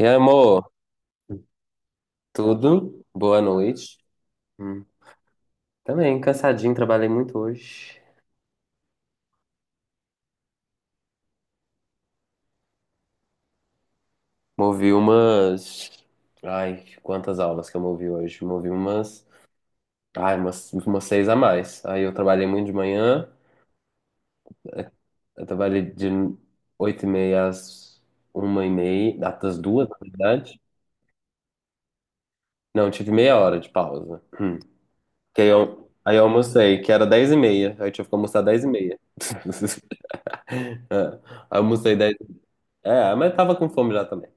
E amor, tudo? Boa noite. Hum, Também, cansadinho, trabalhei muito hoje. Movi umas. Ai, quantas aulas que eu movi hoje? Movi umas. Ai, umas seis a mais. Aí eu trabalhei muito de manhã, eu trabalhei de 8:30 às 1:30, às duas, na verdade. Não, tive meia hora de pausa. Hum. Aí eu almocei, que era 10:30. Aí eu tive que almoçar 10:30. É, almocei 10. É, mas tava com fome já também.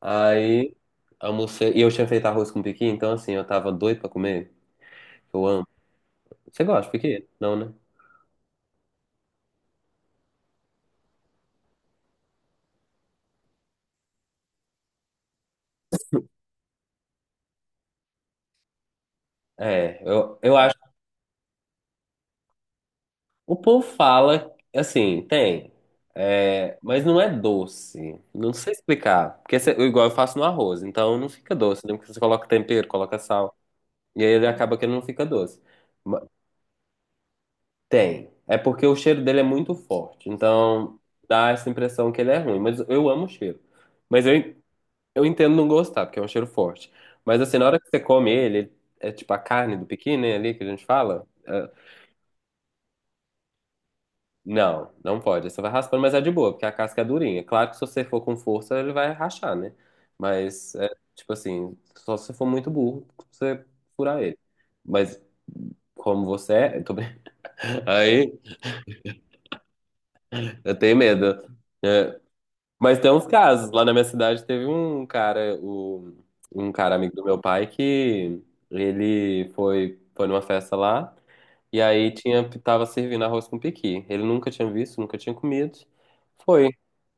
Aí almocei. E eu tinha feito arroz com piqui, então assim, eu tava doido pra comer. Eu amo. Você gosta de piqui? Não, né? É, eu acho. O povo fala, assim, tem. É, mas não é doce. Não sei explicar. Porque igual eu faço no arroz, então não fica doce, né? Porque você coloca tempero, coloca sal. E aí ele acaba que ele não fica doce. Ma- Tem. É porque o cheiro dele é muito forte. Então dá essa impressão que ele é ruim. Mas eu amo o cheiro. Mas eu, Eu entendo não gostar, porque é um cheiro forte. Mas assim, na hora que você come ele. É tipo a carne do pequi, né, ali que a gente fala. É, não, não pode. Você vai raspando, mas é de boa, porque a casca é durinha. Claro que se você for com força, ele vai rachar, né? Mas é tipo assim, só se você for muito burro, você furar ele. Mas como você é. Aí eu tenho medo. É, mas tem uns casos. Lá na minha cidade teve um cara, um cara amigo do meu pai, que ele foi numa festa lá e aí tava servindo arroz com pequi. Ele nunca tinha visto, nunca tinha comido. Foi.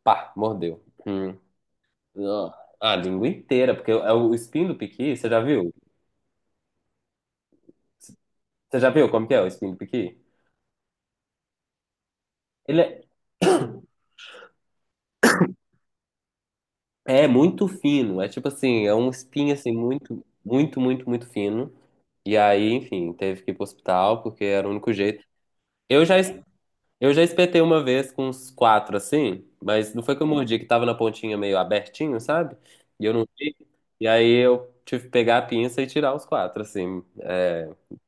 Pá, mordeu. Hum. Ó, a língua inteira, porque é o espinho do piqui, você já viu? Você já viu como que é o espinho do piqui? Ele é muito fino, é tipo assim, é um espinho assim muito, muito, muito, muito fino. E aí, enfim, teve que ir pro hospital, porque era o único jeito. Eu já, es- eu já espetei uma vez com uns quatro, assim, mas não foi que eu mordi, que tava na pontinha meio abertinho, sabe? E eu não vi. E aí eu tive que pegar a pinça e tirar os quatro, assim.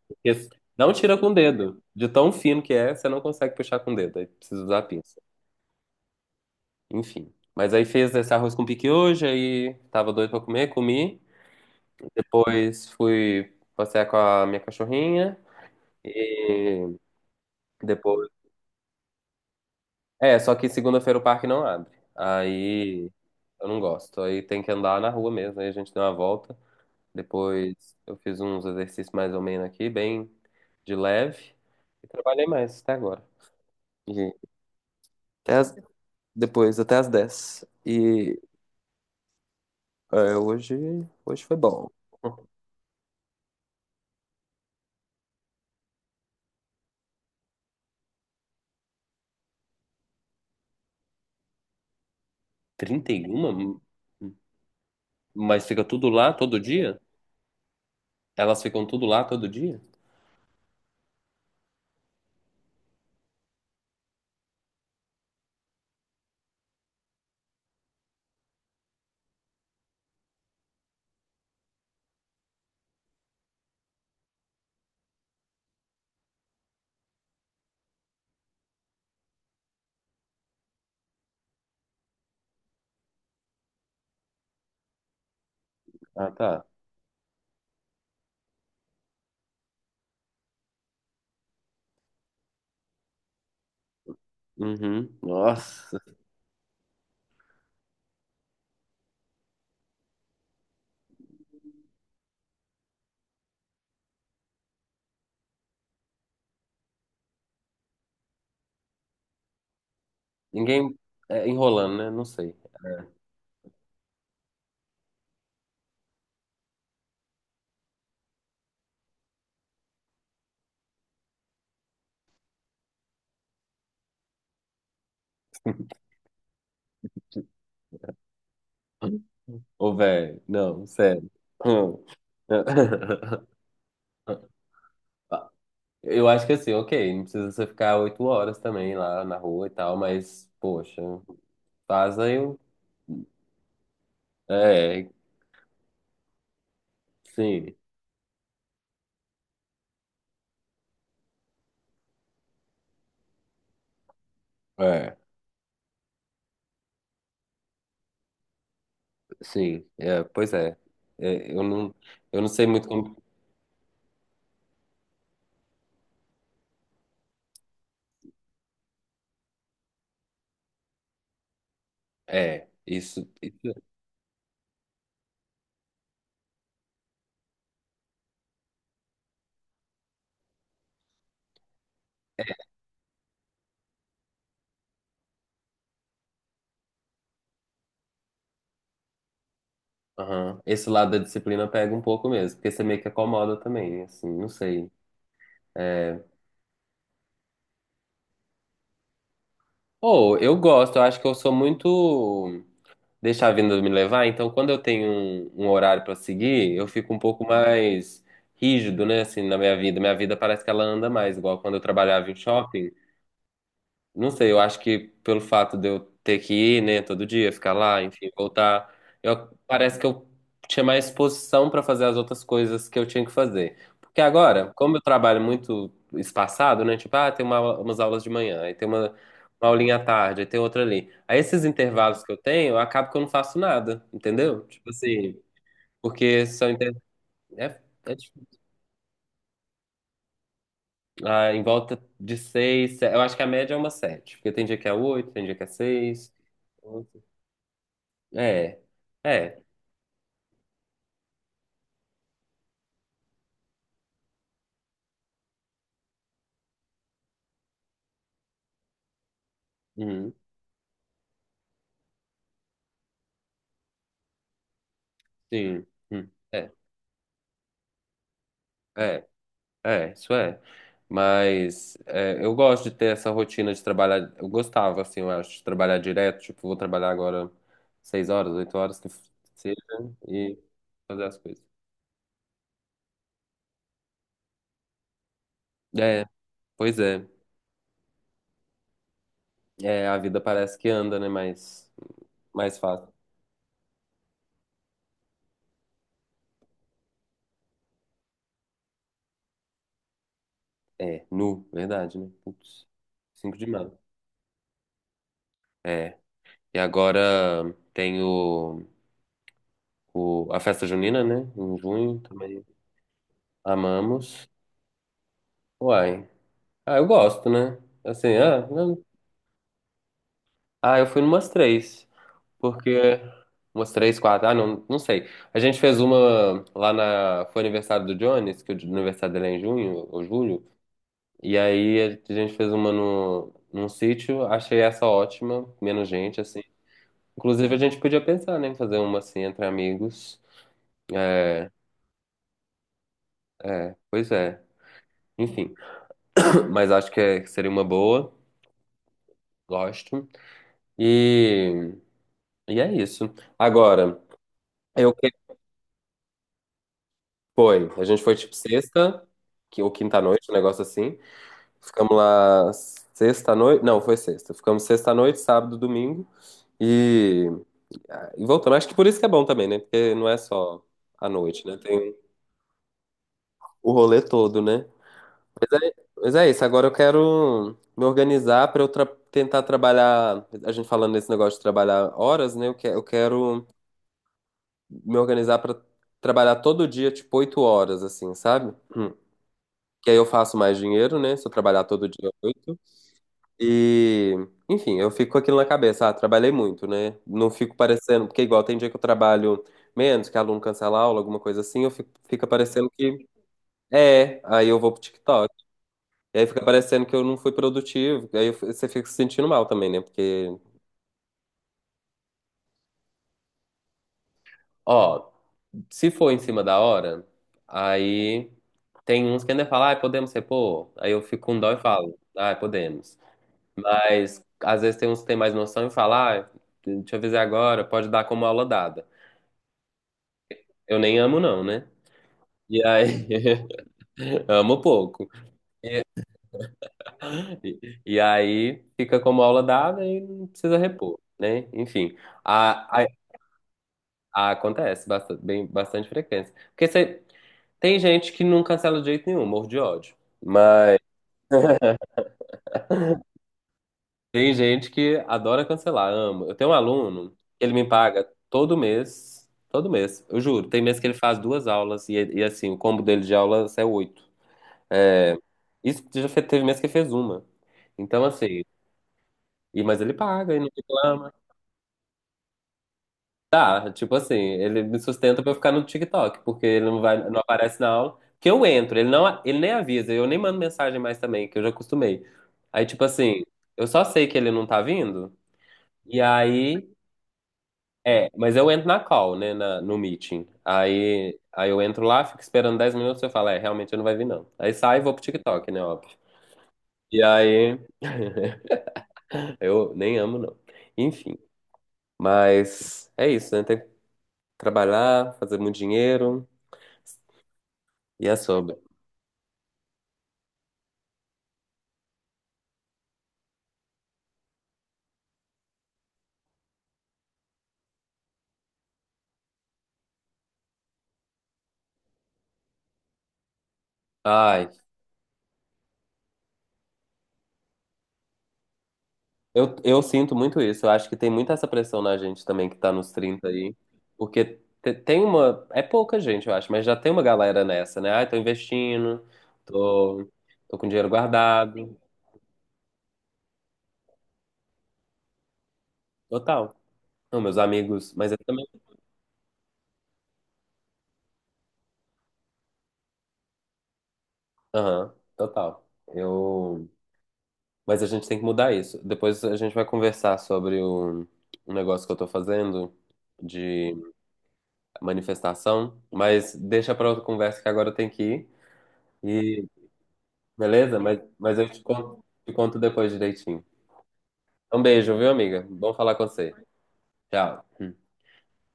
Porque não tira com o dedo. De tão fino que é, você não consegue puxar com o dedo. Aí precisa usar a pinça. Enfim. Mas aí fez esse arroz com piquiojo, aí tava doido pra comer, comi. Depois fui passear com a minha cachorrinha. Depois É, só que segunda-feira o parque não abre. Aí eu não gosto. Aí tem que andar na rua mesmo. Aí a gente deu uma volta. Depois eu fiz uns exercícios mais ou menos aqui, bem de leve. E trabalhei mais até agora. E até as- Depois, até as 10. E é, hoje foi bom. 31? Mas fica tudo lá todo dia? Elas ficam tudo lá todo dia? Ah, tá. Uhum. Nossa. Ninguém É, enrolando, né? Não sei. Ô, velho, não, sério. Hum. Eu acho que assim, ok, não precisa você ficar 8 horas também lá na rua e tal, mas, poxa, faz aí um. É, sim. É, sim. É, pois é. É, eu não sei muito como. É, isso. Aham. Esse lado da disciplina pega um pouco mesmo, porque você meio que acomoda também, assim, não sei. É. Ou eu gosto, eu acho que eu sou muito. Deixar a vida me levar. Então, quando eu tenho um horário para seguir, eu fico um pouco mais rígido, né, assim, na minha vida. Minha vida parece que ela anda mais, igual quando eu trabalhava em shopping. Não sei, eu acho que pelo fato de eu ter que ir, né, todo dia, ficar lá, enfim, voltar, parece que eu tinha mais disposição para fazer as outras coisas que eu tinha que fazer. Porque agora, como eu trabalho muito espaçado, né, tipo, ah, tem umas aulas de manhã, aí tem uma aulinha à tarde, aí tem outra ali. Aí esses intervalos que eu tenho, eu acabo que eu não faço nada, entendeu? Tipo assim. porque são inter... é, é difícil. Em volta de seis, eu acho que a média é uma sete, porque tem dia que é oito, tem dia que é seis. É, é, uhum, sim, é, é, é, isso é. Mas é, eu gosto de ter essa rotina de trabalhar. Eu gostava, assim, eu acho, de trabalhar direto. Tipo, vou trabalhar agora 6 horas, 8 horas, que seja, e fazer as coisas. É, pois é. É, a vida parece que anda, né? Mais fácil. É, nu, verdade, né? Putz, 5 de maio. É, e agora tem a festa junina, né? Em junho também. Amamos. Uai. Ah, eu gosto, né? Assim, ah, eu fui numas três. Porque. Umas três, quatro. Ah, não, não sei. A gente fez uma lá na. Foi aniversário do Jones, que o aniversário dele é em junho ou julho. E aí a gente fez uma no, num sítio. Achei essa ótima. Menos gente, assim. Inclusive, a gente podia pensar, né, em fazer uma assim entre amigos. É, é, pois é. Enfim. Mas acho que que seria uma boa. Gosto. E. E é isso. Agora, eu que foi? A gente foi tipo sexta, que ou quinta noite, um negócio assim. Ficamos lá sexta noite, não, foi sexta. Ficamos sexta noite, sábado, domingo e e voltamos. Acho que por isso que é bom também, né? Porque não é só a noite, né? Tem o rolê todo, né? Mas é, mas é isso. Agora eu quero me organizar pra eu tentar trabalhar. A gente falando nesse negócio de trabalhar horas, né? Eu quero me organizar pra trabalhar todo dia, tipo, 8 horas, assim, sabe? Hum. Que aí eu faço mais dinheiro, né? Se eu trabalhar todo dia oito. E, enfim, eu fico com aquilo na cabeça. Ah, trabalhei muito, né? Não fico parecendo, porque igual tem dia que eu trabalho menos, que aluno cancela a aula, alguma coisa assim, fica parecendo que é, aí eu vou pro TikTok. E aí fica parecendo que eu não fui produtivo. Você fica se sentindo mal também, né? Porque, ó, se for em cima da hora, aí tem uns que ainda falam, ah, podemos repor? Aí eu fico com dó e falo, ah, podemos. Mas às vezes tem uns que têm mais noção e falam, ah, deixa eu avisar agora, pode dar como aula dada. Eu nem amo, não, né? E aí, amo pouco. E aí fica como aula dada e não precisa repor, né? Enfim, a, a- acontece bastante, bem, bastante frequência. Porque você, tem gente que não cancela de jeito nenhum, morro de ódio. Mas tem gente que adora cancelar, amo. Eu tenho um aluno, ele me paga todo mês, eu juro. Tem mês que ele faz duas aulas e assim, o combo dele de aulas é oito. Isso que já teve mês que ele fez uma. Então, assim, mas ele paga e não reclama. Tá, tipo assim, ele me sustenta pra eu ficar no TikTok, porque ele não vai, não aparece na aula. Que eu entro, ele nem avisa, eu nem mando mensagem mais também, que eu já acostumei. Aí, tipo assim, eu só sei que ele não tá vindo, e aí. É, mas eu entro na call, né, no meeting. Aí, eu entro lá, fico esperando 10 minutos, eu falo, é, realmente ele não vai vir não. Aí sai e vou pro TikTok, né, óbvio. E aí, eu nem amo não. Enfim, mas é isso, né, tem que trabalhar, fazer muito dinheiro e é sobre. Ai, eu sinto muito isso. Eu acho que tem muita essa pressão na gente também que tá nos 30 aí. Porque tem uma. É pouca gente, eu acho, mas já tem uma galera nessa, né? Ai, tô investindo, tô, tô com dinheiro guardado. Total. Não, meus amigos. Mas eu também. Aham, total. Eu. Mas a gente tem que mudar isso. Depois a gente vai conversar sobre o negócio que eu tô fazendo de manifestação. Mas deixa pra outra conversa que agora eu tenho que ir. Beleza? Mas, eu te conto depois direitinho. Um beijo, viu, amiga? Bom falar com você. Tchau.